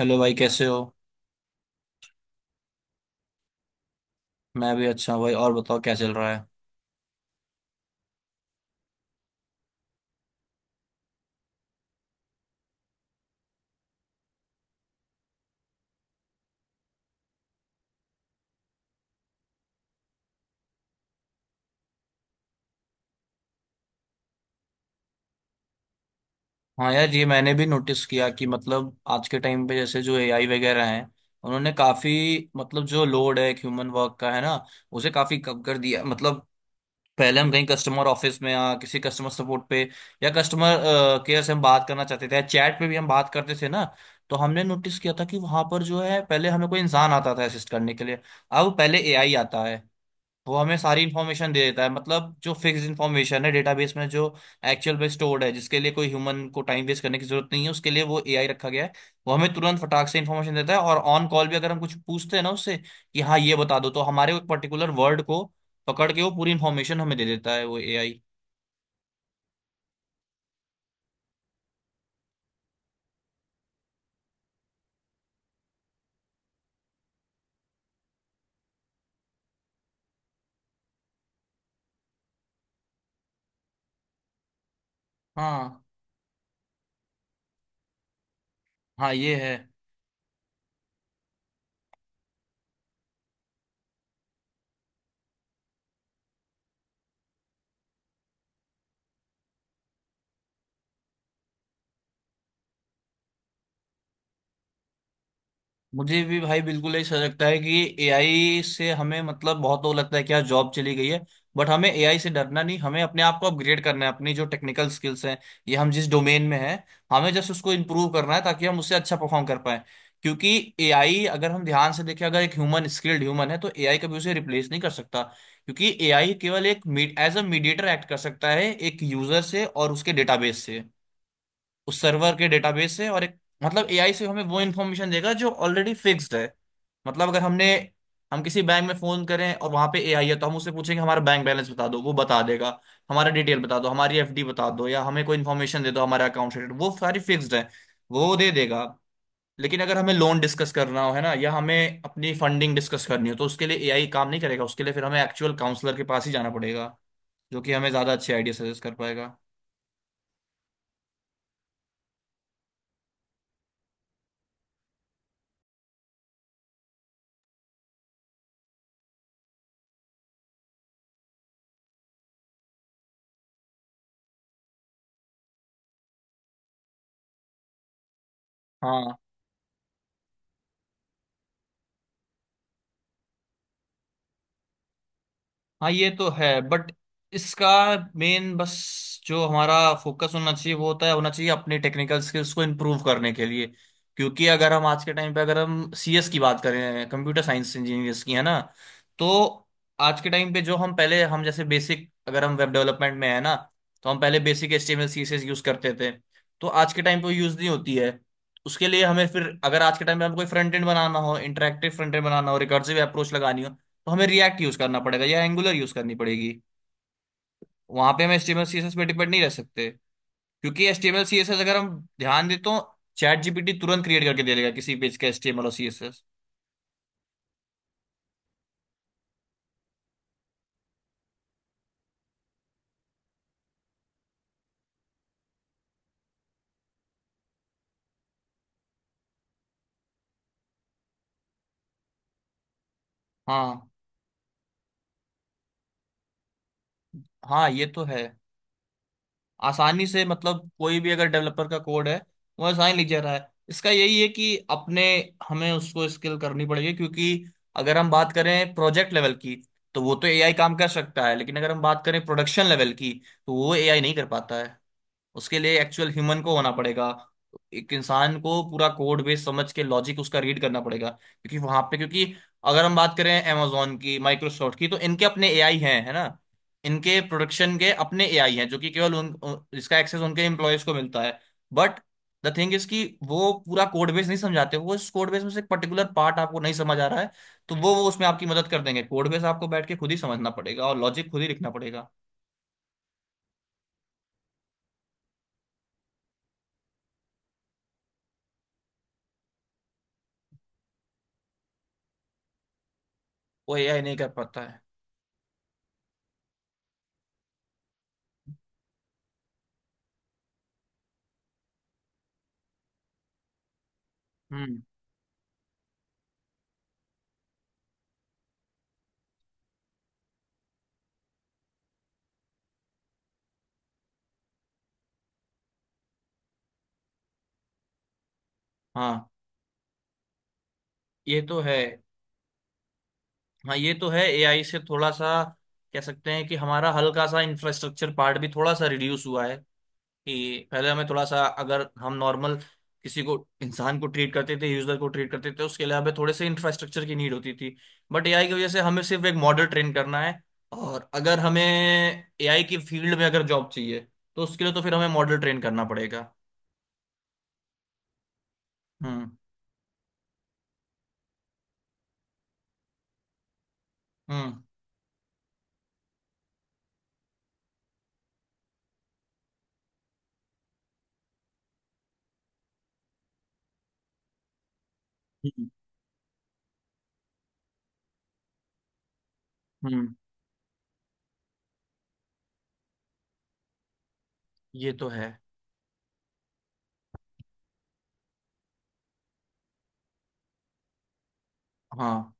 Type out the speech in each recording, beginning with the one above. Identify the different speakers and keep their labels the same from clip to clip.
Speaker 1: Hello भाई, कैसे हो। मैं भी अच्छा हूँ भाई। और बताओ क्या चल रहा है। हाँ यार, ये मैंने भी नोटिस किया कि मतलब आज के टाइम पे जैसे जो एआई वगैरह हैं, उन्होंने काफी मतलब जो लोड है ह्यूमन वर्क का है ना, उसे काफी कम कर दिया। मतलब पहले हम कहीं कस्टमर ऑफिस में या किसी कस्टमर सपोर्ट पे या कस्टमर केयर से हम बात करना चाहते थे या चैट पे भी हम बात करते थे ना, तो हमने नोटिस किया था कि वहां पर जो है पहले हमें कोई इंसान आता था असिस्ट करने के लिए। अब पहले एआई आता है, वो हमें सारी इन्फॉर्मेशन दे देता है। मतलब जो फिक्स इन्फॉर्मेशन है डेटाबेस में जो एक्चुअल में स्टोर्ड है, जिसके लिए कोई ह्यूमन को टाइम वेस्ट करने की जरूरत नहीं है, उसके लिए वो एआई रखा गया है। वो हमें तुरंत फटाक से इन्फॉर्मेशन देता है, और ऑन कॉल भी अगर हम कुछ पूछते हैं ना उससे कि हाँ ये बता दो, तो हमारे एक पर्टिकुलर वर्ड को पकड़ के वो पूरी इन्फॉर्मेशन हमें दे देता है वो एआई। हाँ हाँ ये है। मुझे भी भाई बिल्कुल ऐसा लगता है कि एआई से हमें मतलब बहुत वो लगता है कि यार जॉब चली गई है, बट हमें एआई से डरना नहीं, हमें अपने आप को अपग्रेड करना है। अपनी जो टेक्निकल स्किल्स हैं, ये हम जिस डोमेन में हैं, हमें जस्ट उसको इम्प्रूव करना है ताकि हम उससे अच्छा परफॉर्म कर पाए। क्योंकि एआई अगर हम ध्यान से देखें, अगर एक ह्यूमन स्किल्ड ह्यूमन है तो एआई कभी उसे रिप्लेस नहीं कर सकता। क्योंकि एआई केवल एक एज अ मीडिएटर एक्ट कर सकता है, एक यूजर से और उसके डेटाबेस से, उस सर्वर के डेटाबेस से। और एक मतलब एआई से हमें वो इन्फॉर्मेशन देगा जो ऑलरेडी फिक्स्ड है। मतलब अगर हमने हम किसी बैंक में फोन करें और वहां पे एआई है, तो हम उससे पूछेंगे हमारा बैंक बैलेंस बता दो, वो बता देगा। हमारा डिटेल बता दो, हमारी एफडी बता दो, या हमें कोई इन्फॉर्मेशन दे दो हमारा अकाउंट से related, वो सारी फिक्स्ड है, वो दे देगा। लेकिन अगर हमें लोन डिस्कस करना हो है ना, या हमें अपनी फंडिंग डिस्कस करनी हो, तो उसके लिए एआई काम नहीं करेगा। उसके लिए फिर हमें एक्चुअल काउंसलर के पास ही जाना पड़ेगा, जो कि हमें ज्यादा अच्छे आइडिया सजेस्ट कर पाएगा। हाँ हाँ ये तो है बट। इसका मेन बस जो हमारा फोकस होना चाहिए वो होता है, होना चाहिए अपने टेक्निकल स्किल्स को इम्प्रूव करने के लिए। क्योंकि अगर हम आज के टाइम पे अगर हम सीएस की बात करें, कंप्यूटर साइंस इंजीनियर्स की, है ना, तो आज के टाइम पे जो हम पहले हम जैसे बेसिक, अगर हम वेब डेवलपमेंट में है ना, तो हम पहले बेसिक एचटीएमएल सीएसएस यूज करते थे, तो आज के टाइम पे यूज नहीं होती है। उसके लिए हमें फिर, अगर आज के टाइम पे हम कोई फ्रंट एंड बनाना हो, इंटरेक्टिव फ्रंट एंड बनाना हो, रिकर्सिव अप्रोच लगानी हो, तो हमें रिएक्ट यूज करना पड़ेगा या एंगुलर यूज करनी पड़ेगी। वहां पे हम एचटीएमएल सीएसएस पे डिपेंड नहीं रह सकते, क्योंकि एचटीएमएल सीएसएस अगर हम ध्यान दें, तो चैट जीपीटी तुरंत क्रिएट करके दे देगा किसी पेज का एचटीएमएल और सीएसएस। हाँ हाँ ये तो है। आसानी से मतलब कोई भी अगर डेवलपर का कोड है, वो आसानी लिख जा रहा है। इसका यही है कि अपने हमें उसको स्किल करनी पड़ेगी, क्योंकि अगर हम बात करें प्रोजेक्ट लेवल की, तो वो तो एआई काम कर सकता है। लेकिन अगर हम बात करें प्रोडक्शन लेवल की, तो वो एआई नहीं कर पाता है। उसके लिए एक्चुअल ह्यूमन को होना पड़ेगा। एक इंसान को पूरा कोड बेस समझ के लॉजिक उसका रीड करना पड़ेगा, क्योंकि वहां पे क्योंकि अगर हम बात करें amazon की, माइक्रोसॉफ्ट की, तो इनके अपने एआई हैं है ना। इनके प्रोडक्शन के अपने एआई हैं, जो कि केवल उन उन- इसका एक्सेस उनके एम्प्लॉयज को मिलता है। बट द थिंग इज कि वो पूरा कोड बेस नहीं समझाते। वो इस कोड बेस में से एक पर्टिकुलर पार्ट आपको नहीं समझ आ रहा है, तो वो उसमें आपकी मदद कर देंगे। कोड बेस आपको बैठ के खुद ही समझना पड़ेगा और लॉजिक खुद ही लिखना पड़ेगा। वो एआई नहीं कर पाता है। हम्म। हाँ ये तो है। हाँ ये तो है एआई से थोड़ा सा कह सकते हैं कि हमारा हल्का सा इंफ्रास्ट्रक्चर पार्ट भी थोड़ा सा रिड्यूस हुआ है। कि पहले हमें थोड़ा सा, अगर हम नॉर्मल किसी को, इंसान को ट्रीट करते थे, यूजर को ट्रीट करते थे, उसके लिए हमें थोड़े से इंफ्रास्ट्रक्चर की नीड होती थी। बट एआई की वजह से हमें सिर्फ एक मॉडल ट्रेन करना है। और अगर हमें एआई की फील्ड में अगर जॉब चाहिए, तो उसके लिए तो फिर हमें मॉडल ट्रेन करना पड़ेगा। हम्म। हम्म। हम्म। हम्म, ये तो है। हाँ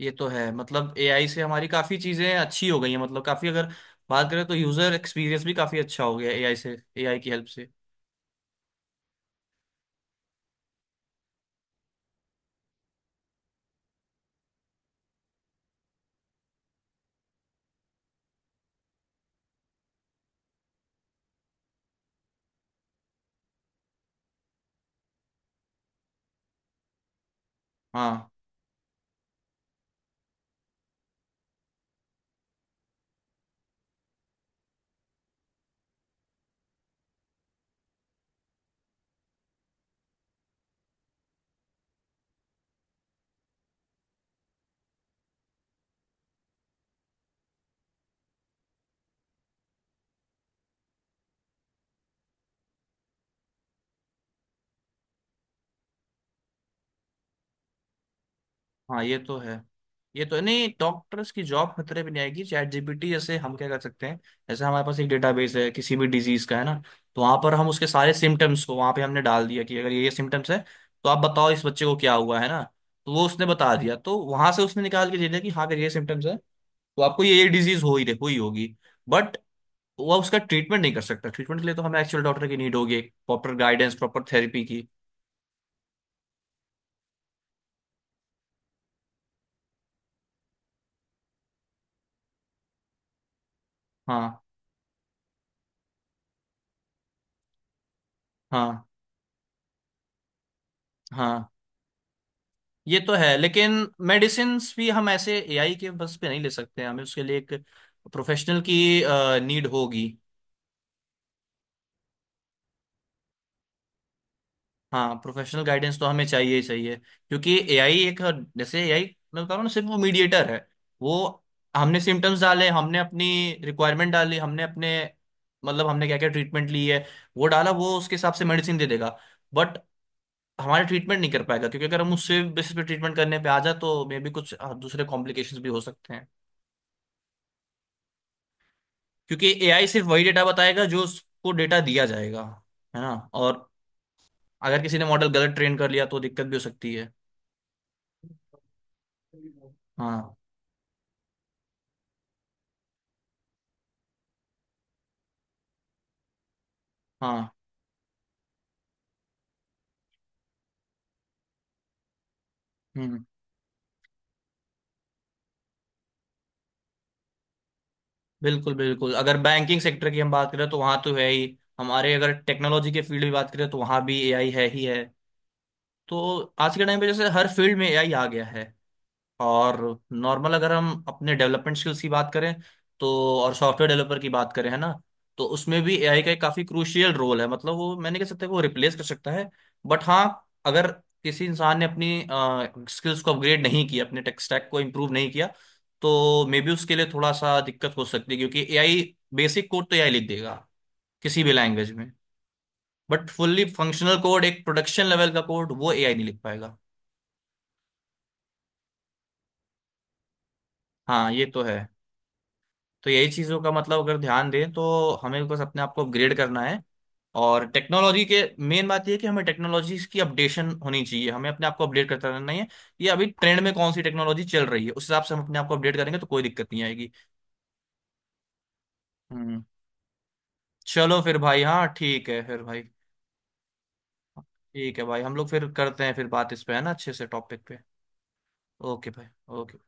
Speaker 1: ये तो है, मतलब एआई से हमारी काफी चीजें अच्छी हो गई हैं। मतलब काफी अगर बात करें, तो यूजर एक्सपीरियंस भी काफी अच्छा हो गया एआई से, एआई की हेल्प से। हाँ हाँ ये तो है। ये तो है। नहीं, डॉक्टर्स की जॉब खतरे में नहीं आएगी। चैट जीपीटी जैसे हम क्या कर सकते हैं, जैसे हमारे पास एक डेटाबेस है किसी भी डिजीज का है ना, तो वहां पर हम उसके सारे सिम्टम्स को वहां पे हमने डाल दिया, कि अगर ये ये सिम्टम्स है, तो आप बताओ इस बच्चे को क्या हुआ है ना, तो वो उसने बता दिया। तो वहां से उसने निकाल के दे दिया कि हाँ अगर ये सिम्टम्स है, तो आपको ये डिजीज हुई होगी। बट वह उसका ट्रीटमेंट नहीं कर सकता। ट्रीटमेंट के लिए तो हमें एक्चुअल डॉक्टर की नीड होगी, प्रॉपर गाइडेंस, प्रॉपर थेरेपी की। हाँ हाँ हाँ ये तो है। लेकिन मेडिसिन भी हम ऐसे एआई के बस पे नहीं ले सकते हैं। हमें उसके लिए एक प्रोफेशनल की नीड होगी। हाँ प्रोफेशनल गाइडेंस तो हमें चाहिए ही चाहिए, क्योंकि एआई एक, जैसे एआई, मैं बता रहा हूँ ना, सिर्फ वो मीडिएटर है। वो हमने सिम्टम्स डाले, हमने अपनी रिक्वायरमेंट डाली, हमने अपने मतलब हमने क्या क्या ट्रीटमेंट ली है, वो डाला, वो उसके हिसाब से मेडिसिन दे देगा। बट हमारे ट्रीटमेंट नहीं कर पाएगा, क्योंकि अगर हम उससे बेसिस पे ट्रीटमेंट करने पे आ जाए, तो मे भी कुछ दूसरे कॉम्प्लिकेशंस भी हो सकते हैं। क्योंकि एआई सिर्फ वही डेटा बताएगा जो उसको डेटा दिया जाएगा, है ना। और अगर किसी ने मॉडल गलत ट्रेन कर लिया, तो दिक्कत भी हो सकती है। हाँ हाँ। हम्म। बिल्कुल बिल्कुल, अगर बैंकिंग सेक्टर की हम बात करें, तो वहाँ तो है ही। हमारे अगर टेक्नोलॉजी के फील्ड में बात करें, तो वहाँ भी एआई है ही है। तो आज के टाइम पे जैसे हर फील्ड में एआई आ गया है। और नॉर्मल अगर हम अपने डेवलपमेंट स्किल्स की बात करें, तो और सॉफ्टवेयर डेवलपर की बात करें है ना, तो उसमें भी एआई का एक काफी क्रूशियल रोल है। मतलब वो मैंने कह सकता है कि वो रिप्लेस कर सकता है। बट हाँ, अगर किसी इंसान ने अपनी स्किल्स को अपग्रेड नहीं किया, अपने टेक स्टैक को इम्प्रूव नहीं किया, तो मे बी उसके लिए थोड़ा सा दिक्कत हो सकती है। क्योंकि एआई बेसिक कोड तो एआई लिख देगा किसी भी लैंग्वेज में, बट फुल्ली फंक्शनल कोड, एक प्रोडक्शन लेवल का कोड, वो एआई नहीं लिख पाएगा। हाँ ये तो है। तो यही चीज़ों का मतलब, अगर ध्यान दें, तो हमें बस अपने आप को अपग्रेड करना है। और टेक्नोलॉजी के मेन बात यह है कि हमें टेक्नोलॉजीज की अपडेशन होनी चाहिए, हमें अपने आप को अपडेट करता रहना है। ये अभी ट्रेंड में कौन सी टेक्नोलॉजी चल रही है, उस हिसाब से हम अपने आप को अपडेट करेंगे तो कोई दिक्कत नहीं आएगी। हम्म। चलो फिर भाई। हाँ ठीक है फिर भाई। ठीक है भाई, हम लोग फिर करते हैं फिर बात इस पे, है ना, अच्छे से टॉपिक पे। ओके भाई। ओके।